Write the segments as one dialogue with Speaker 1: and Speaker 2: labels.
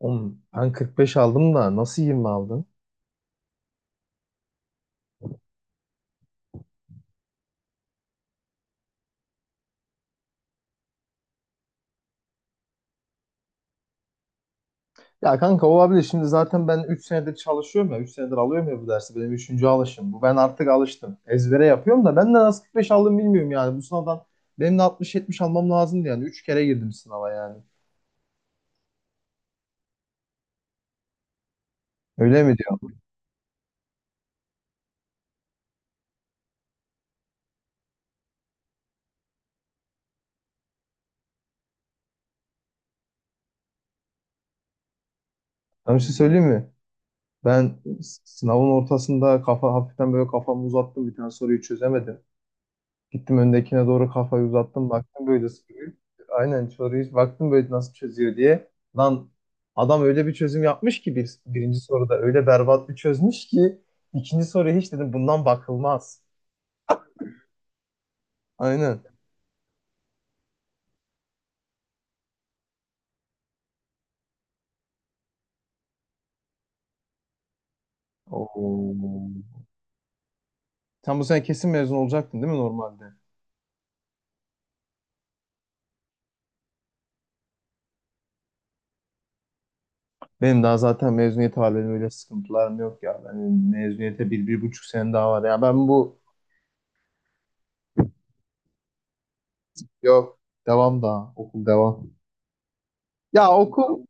Speaker 1: Oğlum, ben 45 aldım da nasıl 20 aldın? Ya kanka olabilir. Şimdi zaten ben 3 senedir çalışıyorum ya. 3 senedir alıyorum ya bu dersi. Benim üçüncü alışım. Bu ben artık alıştım. Ezbere yapıyorum da ben de nasıl 45 aldım bilmiyorum yani. Bu sınavdan benim de 60-70 almam lazımdı yani. 3 kere girdim sınava yani. Öyle mi diyor? Ben bir şey söyleyeyim mi? Ben sınavın ortasında kafa hafiften böyle kafamı uzattım. Bir tane soruyu çözemedim. Gittim öndekine doğru kafayı uzattım. Baktım böyle soruyu. Aynen soruyu hiç baktım böyle nasıl çözüyor diye. Lan adam öyle bir çözüm yapmış ki birinci soruda öyle berbat bir çözmüş ki ikinci soruya hiç dedim bundan bakılmaz. Aynen. Oo. Sen bu sene kesin mezun olacaktın değil mi normalde? Benim daha zaten mezuniyet var. Benim öyle sıkıntılarım yok ya. Benim mezuniyete bir, 1,5 sene daha var. Ya ben bu yok. Devam daha. Okul devam. Ya okul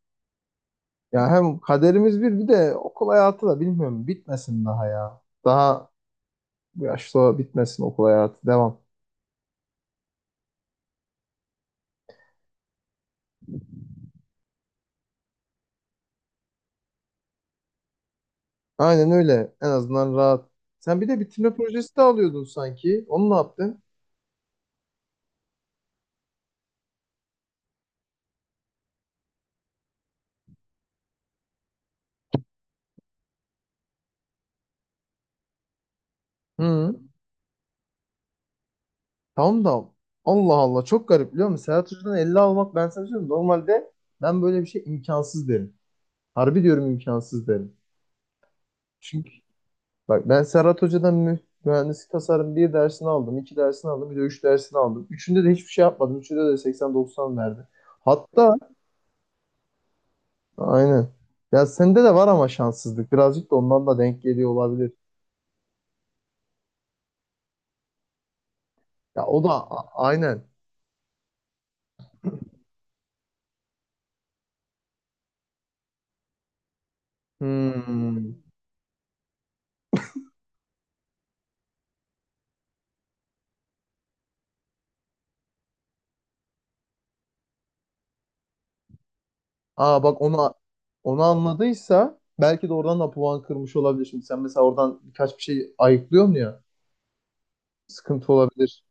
Speaker 1: Ya hem kaderimiz bir de okul hayatı da bilmiyorum bitmesin daha ya. Daha bu yaşta bitmesin okul hayatı devam. Aynen öyle en azından rahat. Sen bir de bitirme projesi de alıyordun sanki. Onu ne yaptın? Hı. Tamam da. Allah Allah, çok garip biliyor musun? Serhat Hoca'dan 50 almak, ben sana söylüyorum. Normalde ben böyle bir şey imkansız derim. Harbi diyorum, imkansız derim. Çünkü bak ben Serhat Hoca'dan mühendislik tasarım bir dersini aldım, iki dersini aldım, bir de üç dersini aldım. Üçünde de hiçbir şey yapmadım. Üçünde de 80-90 verdi. Hatta aynen. Ya sende de var ama şanssızlık. Birazcık da ondan da denk geliyor olabilir. Ya o da aynen. Hmm. Aa bak, onu anladıysa belki de oradan da puan kırmış olabilir. Şimdi sen mesela oradan birkaç bir şey ayıklıyorsun ya. Sıkıntı olabilir.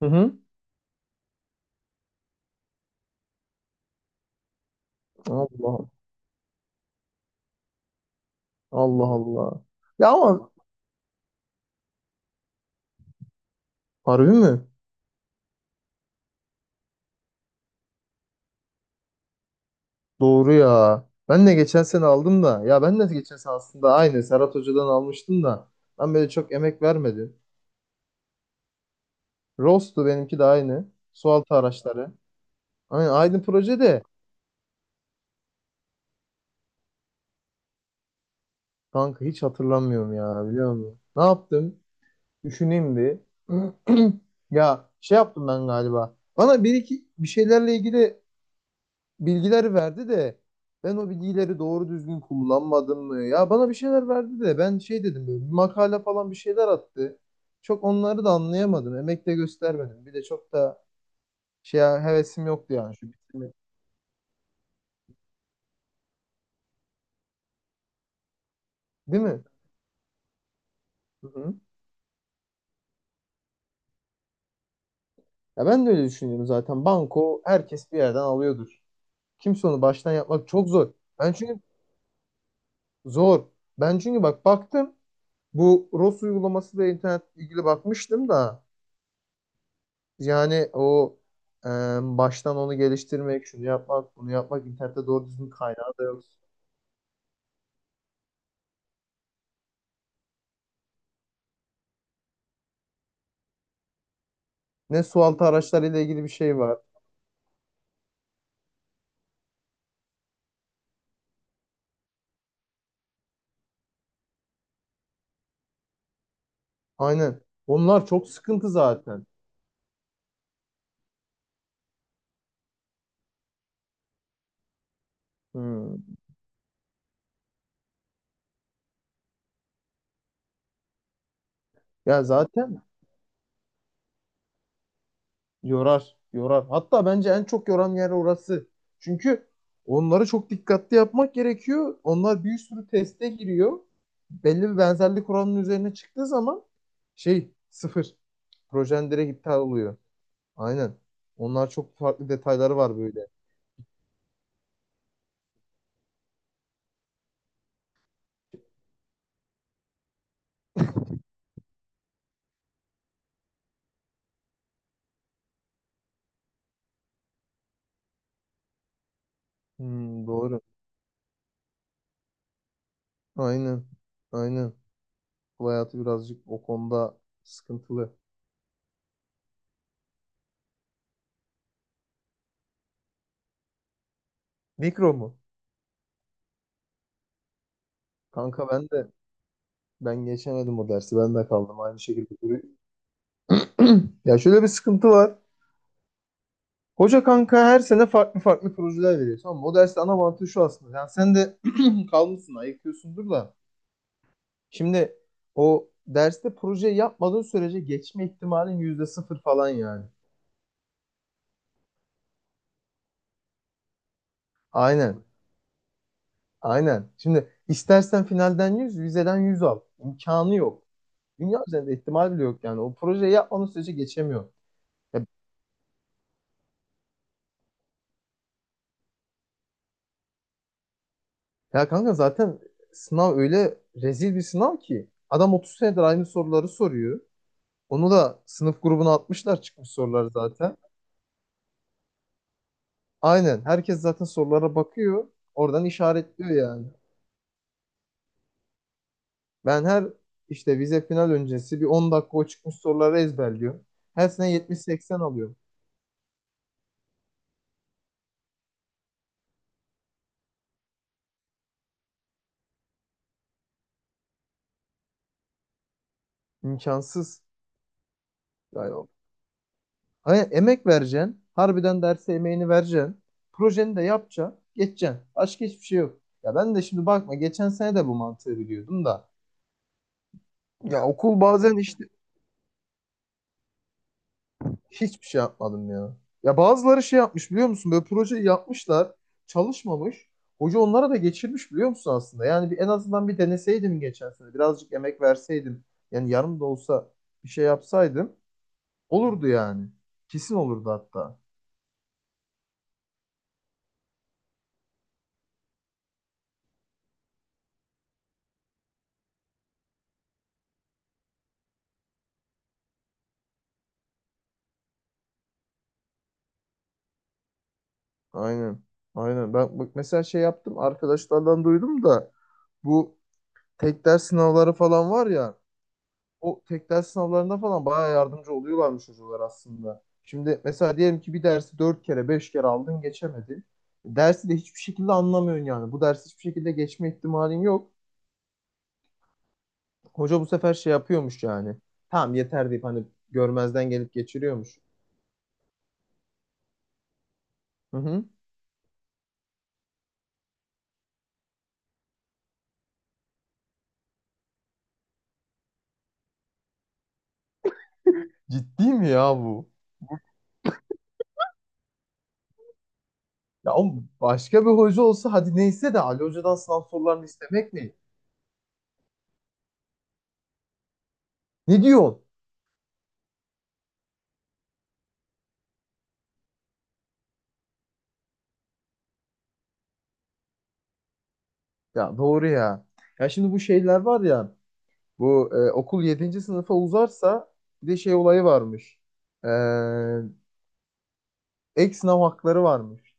Speaker 1: Hı hı. Allah Allah Allah. Ya ama harbi mi? Doğru ya. Ben de geçen sene aldım da. Ya ben de geçen sene aslında aynı Serhat Hoca'dan almıştım da. Ben böyle çok emek vermedim. Rostu benimki de aynı. Sualtı araçları. Aynı proje de. Kanka hiç hatırlamıyorum ya, biliyor musun? Ne yaptım? Düşüneyim bir. Ya şey yaptım ben galiba. Bana bir iki bir şeylerle ilgili bilgiler verdi de ben o bilgileri doğru düzgün kullanmadım mı? Ya bana bir şeyler verdi de ben şey dedim, böyle bir makale falan bir şeyler attı. Çok onları da anlayamadım. Emek de göstermedim. Bir de çok da hevesim yoktu yani şu bitirme. Değil mi? Hı-hı. Ya ben de öyle düşünüyorum zaten. Banko herkes bir yerden alıyordur. Kimse onu baştan yapmak çok zor. Ben çünkü zor. Ben çünkü bak baktım, bu ROS uygulaması ve internet ilgili bakmıştım da. Yani o, e, baştan onu geliştirmek, şunu yapmak, bunu yapmak, internette doğru düzgün kaynağı da yok. Ne sualtı araçlarıyla ilgili bir şey var. Aynen. Onlar çok sıkıntı zaten. Hmm. Ya zaten yorar, yorar. Hatta bence en çok yoran yer orası. Çünkü onları çok dikkatli yapmak gerekiyor. Onlar bir sürü teste giriyor. Belli bir benzerlik oranının üzerine çıktığı zaman şey, sıfır. Projen direkt iptal oluyor. Aynen. Onlar çok farklı detayları var böyle. Hmm, doğru. Aynen. Aynen. Bu hayatı birazcık o konuda sıkıntılı. Mikro mu? Kanka ben geçemedim o dersi. Ben de kaldım aynı şekilde. Ya şöyle bir sıkıntı var. Hoca kanka her sene farklı farklı projeler veriyor. Tamam mı? O derste ana mantığı şu aslında. Yani sen de kalmışsın, ayıkıyorsundur da. Şimdi o derste proje yapmadığın sürece geçme ihtimalin yüzde sıfır falan yani. Aynen. Aynen. Şimdi istersen finalden 100, vizeden 100 al. İmkanı yok. Dünya üzerinde ihtimal bile yok yani. O projeyi yapmanın sürece geçemiyor. Ya, ya kanka zaten sınav öyle rezil bir sınav ki. Adam 30 senedir aynı soruları soruyor. Onu da sınıf grubuna atmışlar, çıkmış soruları zaten. Aynen. Herkes zaten sorulara bakıyor. Oradan işaretliyor yani. Ben her işte vize final öncesi bir 10 dakika o çıkmış soruları ezberliyorum. Her sene 70-80 alıyorum. İmkansız. Yani aynen, emek vereceksin. Harbiden derse emeğini vereceksin. Projeni de yapacaksın. Geçeceksin. Başka hiçbir şey yok. Ya ben de şimdi bakma, geçen sene de bu mantığı biliyordum da. Ya okul bazen işte hiçbir şey yapmadım ya. Ya bazıları şey yapmış, biliyor musun? Böyle projeyi yapmışlar. Çalışmamış. Hoca onlara da geçirmiş, biliyor musun aslında? Yani bir, en azından bir deneseydim geçen sene. Birazcık emek verseydim. Yani yarım da olsa bir şey yapsaydım. Olurdu yani. Kesin olurdu hatta. Aynen. Aynen. Ben bak mesela şey yaptım, arkadaşlardan duydum da bu tek ders sınavları falan var ya, o tek ders sınavlarında falan bayağı yardımcı oluyorlarmış çocuklar aslında. Şimdi mesela diyelim ki bir dersi 4 kere 5 kere aldın, geçemedin. Dersi de hiçbir şekilde anlamıyorsun yani. Bu dersi hiçbir şekilde geçme ihtimalin yok. Hoca bu sefer şey yapıyormuş yani. Tamam yeter deyip hani, görmezden gelip geçiriyormuş. Hı hı. Ciddi mi ya bu? Ya o başka bir hoca olsa hadi neyse de, Ali Hoca'dan sınav sorularını istemek ne. Ne diyor? Ya doğru ya. Ya şimdi bu şeyler var ya. Bu okul yedinci sınıfa uzarsa bir de şey olayı varmış. E, Ek sınav hakları varmış.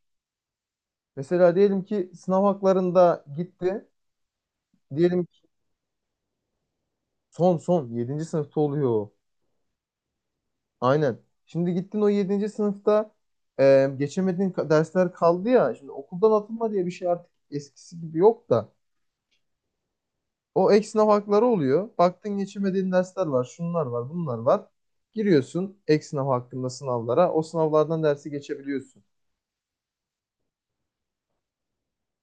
Speaker 1: Mesela diyelim ki sınav haklarında gitti. Diyelim ki son son yedinci sınıfta oluyor. Aynen. Şimdi gittin o yedinci sınıfta geçemediğin dersler kaldı ya. Şimdi okuldan atılma diye bir şey artık eskisi gibi yok da. O ek sınav hakları oluyor. Baktın, geçirmediğin dersler var, şunlar var, bunlar var. Giriyorsun ek sınav hakkında sınavlara. O sınavlardan dersi geçebiliyorsun.